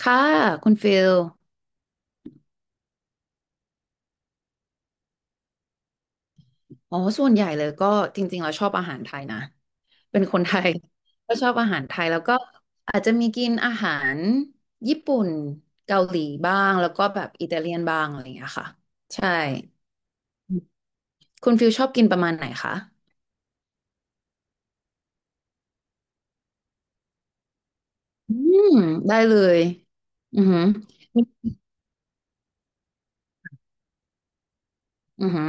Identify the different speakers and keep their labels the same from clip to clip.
Speaker 1: ค่ะคุณฟิลอ๋อส่วนใหญ่เลยก็จริงๆเราชอบอาหารไทยนะเป็นคนไทย ก็ชอบอาหารไทยแล้วก็อาจจะมีกินอาหารญี่ปุ่นเกาหลีบ้างแล้วก็แบบอิตาเลียนบ้างอะไรอย่างเงี้ยค่ะใช่คุณฟิลชอบกินประมาณไหนคะอืมได้เลยอือหืออือหือ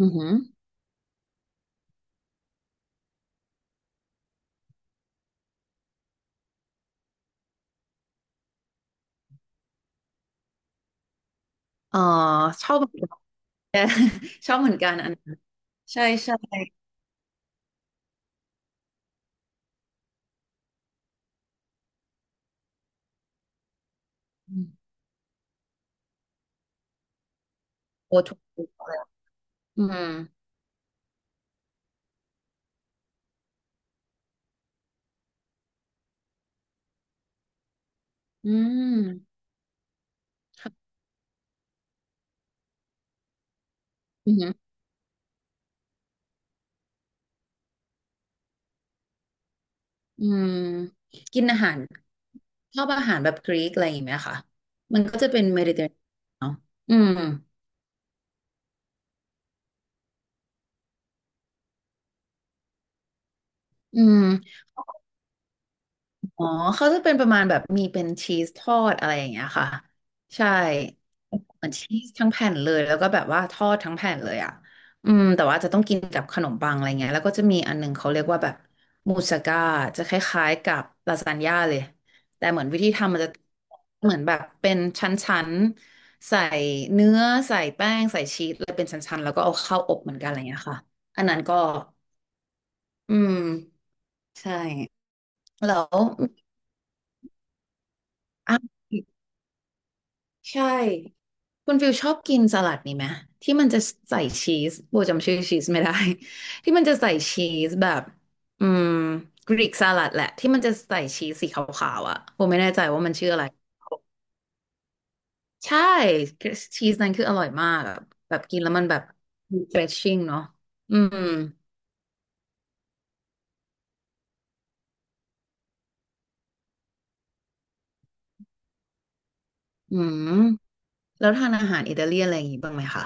Speaker 1: อือหืออ๋อชอบเหมือนกันชอบเหมือนกันอันนั้นใช่ใช่อืมโอทูอะไรอืมอืมค่ะ อืมกินอาหารชอบอาหารแบบกรีกอะไรอย่างเงี้ยค่ะมันก็จะเป็นเมดิเตอร์เนาะอืมอืม อ๋อเขาจะเป็นประมาณแบบมีเป็นชีสทอดอะไรอย่างเงี้ยค่ะใช่เหมือนชีสทั้งแผ่นเลยแล้วก็แบบว่าทอดทั้งแผ่นเลยอ่ะอืมแต่ว่าจะต้องกินกับขนมปังอะไรเงี้ยแล้วก็จะมีอันหนึงเขาเรียกว่าแบบมูสก้าจะคล้ายๆกับลาซานญ่าเลยแต่เหมือนวิธีทำมันจะเหมือนแบบเป็นชั้นๆใส่เนื้อใส่แป้งใส่ชีสแล้วเป็นชั้นๆแล้วก็เอาเข้าอบเหมือนกันอะไรเงี้ยค่ะอันนั้นก็อืมใช่แล้วอ่ะ ใช่คุณฟิลชอบกินสลัดนี่ไหมที่มันจะใส่ชีสโบจำชื่อชีสไม่ได้ ที่มันจะใส่ชีสแบบอืมกรีกสลัดแหละที่มันจะใส่ชีสสีขาวๆอ่ะโบไม่แน่ใจว่ามันชื่ออะไรใช่ชีสนั้นคืออร่อยมากอะแบบกินแล้วมันแบบ refreshing เนาะอืมอืมแล้วทานอาหารอิตาเลียนอะไรอย่างงี้บ้างไหมคะ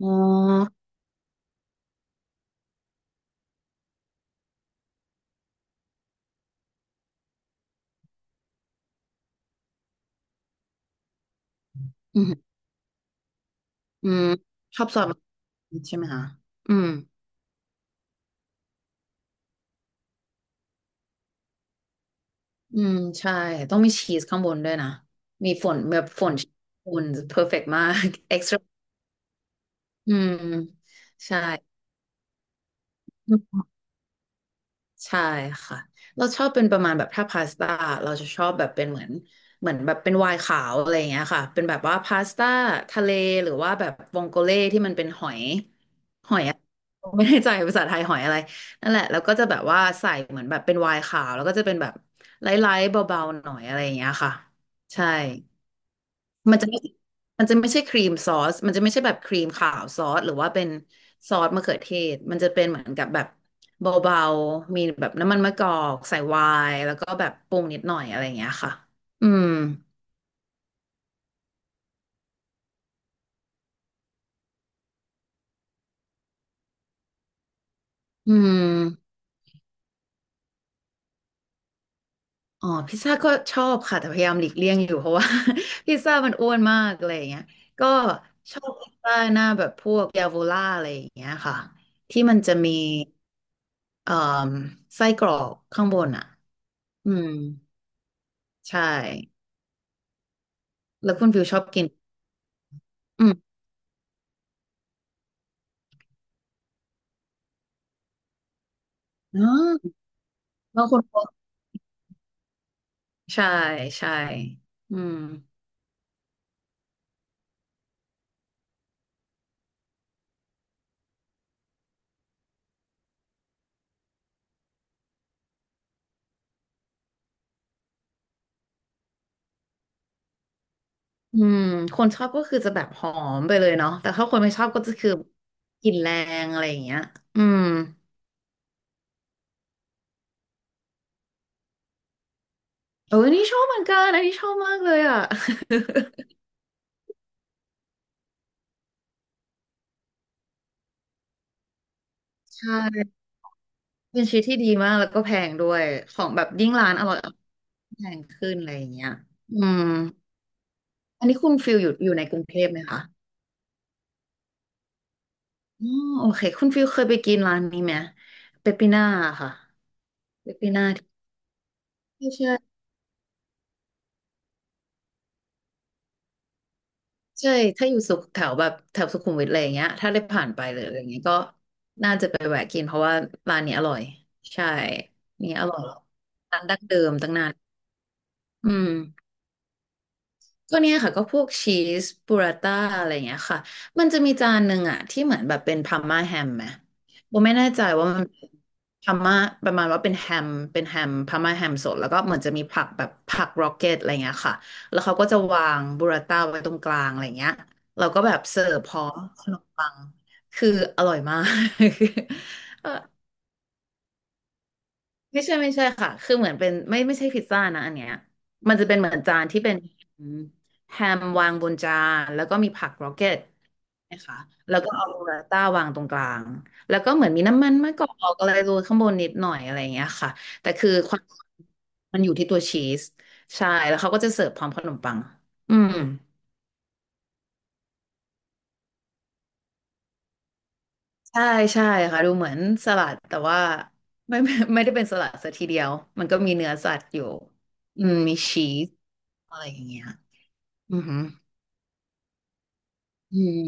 Speaker 1: อ๋ออืมอืมชอบซอสมะเขือเทศใช่ไหมคะอืม อืมใช่ต้องมีชีสข้างบนด้วยนะมีฝนแบบฝนฝนเพอร์เฟกต์มาก เอ็กซ์ตร้าอืมใช่ใช่ค่ะเราชอบเป็นประมาณแบบถ้าพาสต้าเราจะชอบแบบเป็นเหมือนเหมือนแบบเป็นไวน์ขาวอะไรอย่างเงี้ยค่ะเป็นแบบว่าพาสต้าทะเลหรือว่าแบบวองโกเล่ที่มันเป็นหอยหอยอะไม่แน่ใจภาษาไทยหอยอะไรนั่นแหละแล้วก็จะแบบว่าใส่เหมือนแบบเป็นไวน์ขาวแล้วก็จะเป็นแบบไลท์ๆเบาๆหน่อยอะไรอย่างเงี้ยค่ะใช่ มันจะไม่มันจะไม่ใช่ครีมซอส มันจะไม่ใช่แบบครีมขาวซอสหรือว่าเป็นซอสมะเขือเทศมันจะเป็นเหมือนกับแบบเบาๆ มีแบบน้ำมันมะกอกใส่ไวน์แล้วก็แบบปรุงนิดหน่อยอะไรอย่างเงี้ยค่ะอืมอืมอ๋อ พิซซ่าก็ชอบค่ะ แต่พยายามหลีกเลี่ยงอยู่เพราะว่า พิซซ่ามันอ้วนมากอะไรอย่างเงี้ยก็ชอบพิซซ่าหน้าแบบพวกยาโวล่าอะไรอย่างเงี้ยค่ะที่มันจะมีเอ่อไส้กรอกข้างบนอ่ะอืม ใช่แล้วคุณฟิวชอบกินอืมอ๋อบางคนบอกใช่ใช่อืมอืมคนชอบก็คือจะแบบหอมไปเลยเนาะแต่ถ้าคนไม่ชอบก็จะคือกลิ่นแรงอะไรอย่างเงี้ยอืมเอออันนี่ชอบเหมือนกันอันนี้ชอบมากเลยอ่ะ ใช่เป็นชีวิตที่ดีมากแล้วก็แพงด้วยของแบบยิ่งร้านอร่อยแพงขึ้นอะไรอย่างเงี้ยอืมอันนี้คุณฟิลอยู่ในกรุงเทพไหมคะ อ๋อโอเคคุณฟิลเคยไปกินร้านนี้ไหมเปปปิน่าค่ะเปปปิน่าที่ใช่ใช่ใช่ถ้าอยู่สุขแถวแบบแถวสุขุมวิทอะไรอย่างเงี้ยถ้าได้ผ่านไปเลยออะไรอย่างเงี้ยก็น่าจะไปแวะกินเพราะว่าร้านนี้อร่อยใช่นี่อร่อยร้านดั้งเดิมตั้งนานอืม ก็เนี่ยค่ะก็พวกชีสบูราต้าอะไรอย่างเงี้ยค่ะมันจะมีจานหนึ่งอะที่เหมือนแบบเป็นพาร์มาแฮมไหมโบไม่แน่ใจว่ามันพาร์มาประมาณว่าเป็นแฮมเป็นแฮมพาร์มาแฮมสดแล้วก็เหมือนจะมีผักแบบผักร็อกเก็ตอะไรเงี้ยค่ะแล้วเขาก็จะวางบูราต้าไว้ตรงกลางอะไรเงี้ยเราก็แบบเสิร์ฟพร้อมขนมปังคืออร่อยมาก เออ ไม่ใช่ไม่ใช่ค่ะ คือเหมือนเป็นไม่ใช่พิซซ่านะอันเนี้ยมันจะเป็นเหมือนจานที่เป็นแฮมวางบนจานแล้วก็มีผักโรเกตนะคะแล้วก็เอาโรลต้าวางตรงกลาง แล้วก็เหมือนมีน้ำมันมะกอกอะไรโรยข้างบนนิดหน่อยอะไรอย่างเงี้ยค่ะ แต่คือความมันอยู่ที่ตัวชีสใช่ แล้วเขาก็จะเสิร์ฟพร้อมขนมปังอืม ใช่ใช่ค่ะดูเหมือนสลัดแต่ว่าไม่ ไม่ได้เป็นสลัดซะทีเดียวมันก็มีเนื้อสัตว์อยู่อืมมีชีสอะไรอย่างเงี้ยอือหืออืม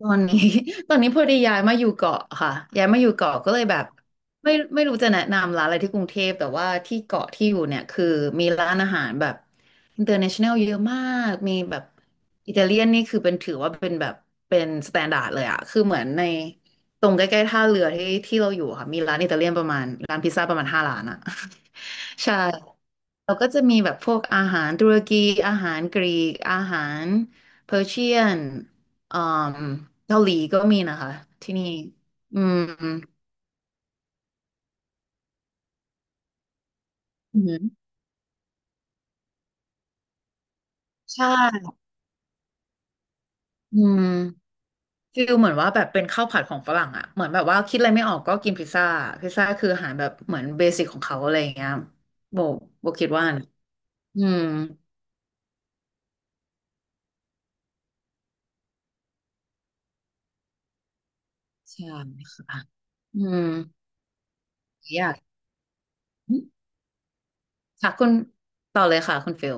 Speaker 1: ตอนนี้ ตอนนี้พอดีย้ายมาอยู่เกาะค่ะย้ายมาอยู่เกาะก็เลยแบบไม่รู้จะแนะนำร้านอะไรที่กรุงเทพแต่ว่าที่เกาะที่อยู่เนี่ยคือมีร้านอาหารแบบ international เยอะมากมีแบบอิตาเลียนนี่คือเป็นถือว่าเป็นแบบเป็นสแตนดาร์ดเลยอะคือเหมือนในตรงใกล้ๆท่าเรือที่ที่เราอยู่อะค่ะมีร้านอิตาเลียนประมาณร้านพิซซ่าประมาณห้าร้านอะ ใช่เราก็จะมีแบบพวกอาหารตุรกีอาหารกรีกอาหารเพอร์เชียนอืมเกาหลีก็มีนะคะที่นี่อืมอืมใช่อืมฟิลเหมือนว่าแบบเป็นข้าวผัดของฝรั่งอ่ะเหมือนแบบว่าคิดอะไรไม่ออกก็กินพิซซ่าพิซซ่าคืออาหารแบบเหมือนเบสิกของเขาอะไรอย่างเงี้ยโบโบคิดว่านะอืมใช่ค่ะอืมอยากค่ะคุณต่อเลยค่ะคุณฟิล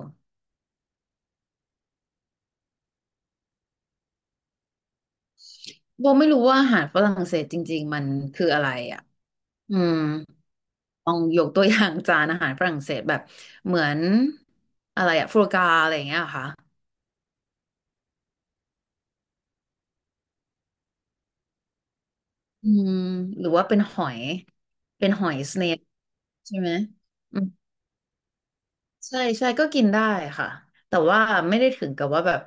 Speaker 1: โบไม่รู้ว่าอาหารฝรั่งเศสจริงๆมันคืออะไรอ่ะอืมลองยกตัวอย่างจานอาหารฝรั่งเศสแบบเหมือนอะไรอะฟรูกาอะไรอย่างเงี้ยเหรอค่ะอืมหรือว่าเป็นหอย เป็นหอยสเนปใช่ไหมอื ใช่ใช่ก็กินได้ค่ะแต่ว่าไม่ได้ถึงกับว่าแบบ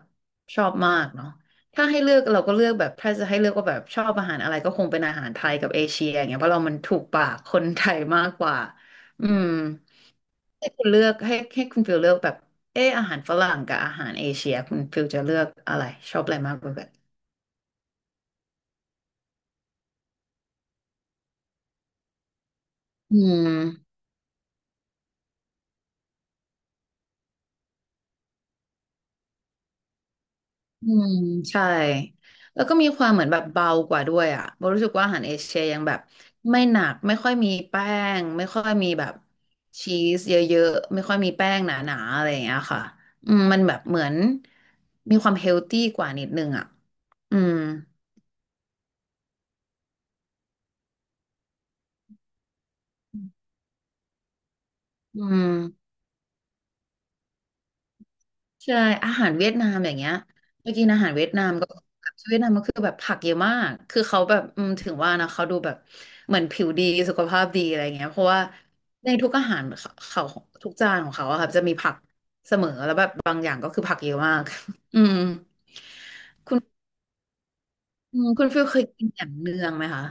Speaker 1: ชอบมากเนาะถ้าให้เลือกเราก็เลือกแบบถ้าจะให้เลือกก็แบบชอบอาหารอะไรก็คงเป็นอาหารไทยกับเอเชียอย่างเงี้ยเพราะเรามันถูกปากคนไทยมากกว่าอืมให้คุณเลือกให้คุณฟิลเลือกแบบเอออาหารฝรั่งกับอาหารเอเชียคุณฟิลจะเลือกอะไรชอบอะไรมากกว่ากันอืม อืมใช่แล้วก็มีความเหมือนแบบเบากว่าด้วยอ่ะโบรู้สึกว่าอาหารเอเชียยังแบบไม่หนักไม่ค่อยมีแป้งไม่ค่อยมีแบบชีสเยอะๆไม่ค่อยมีแป้งหนาๆอะไรอย่างเงี้ยค่ะอืมมันแบบเหมือนมีความเฮลตี้กว่านิดนึงอ่ะอืมอืม ใช่อาหารเวียดนามอย่างเงี้ยไปกินอาหารเวียดนามก็แบบเวียดนามก็คือแบบผักเยอะมากคือเขาแบบอืมถึงว่านะเขาดูแบบเหมือนผิวดีสุขภาพดีอะไรเงี้ยเพราะว่าในทุกอาหารเขาทุกจานของเขาอะครับจะมีผักเสมอแล้วแบบบางอย่างก็คือผักเยอะมาก อืมอืมคุณฟิลเคยกินแหนมเนืองไหมคะ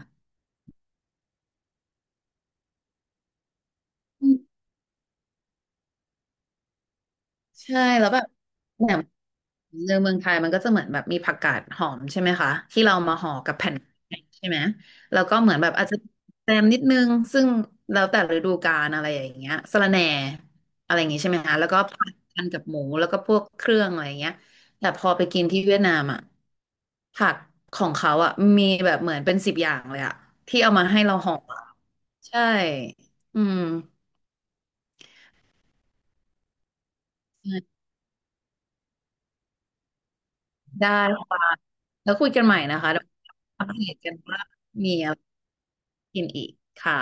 Speaker 1: ใช่แล้วแบบเนี่ยในเมืองไทยมันก็จะเหมือนแบบมีผักกาดหอมใช่ไหมคะที่เรามาห่อกับแผ่นใช่ไหมแล้วก็เหมือนแบบอาจจะแซมนิดนึงซึ่งแล้วแต่ฤดูกาลอะไรอย่างเงี้ยสะระแหน่อะไรอย่างงี้ใช่ไหมคะแล้วก็ผัดกันกับหมูแล้วก็พวกเครื่องอะไรอย่างเงี้ยแต่พอไปกินที่เวียดนามอ่ะผักของเขาอ่ะมีแบบเหมือนเป็น10 อย่างเลยอ่ะที่เอามาให้เราห่ออะใช่อืม ได้ค่ะแล้วคุยกันใหม่นะคะเดี๋ยวอัปเดตกันว่ามีอะไรกินอีกค่ะ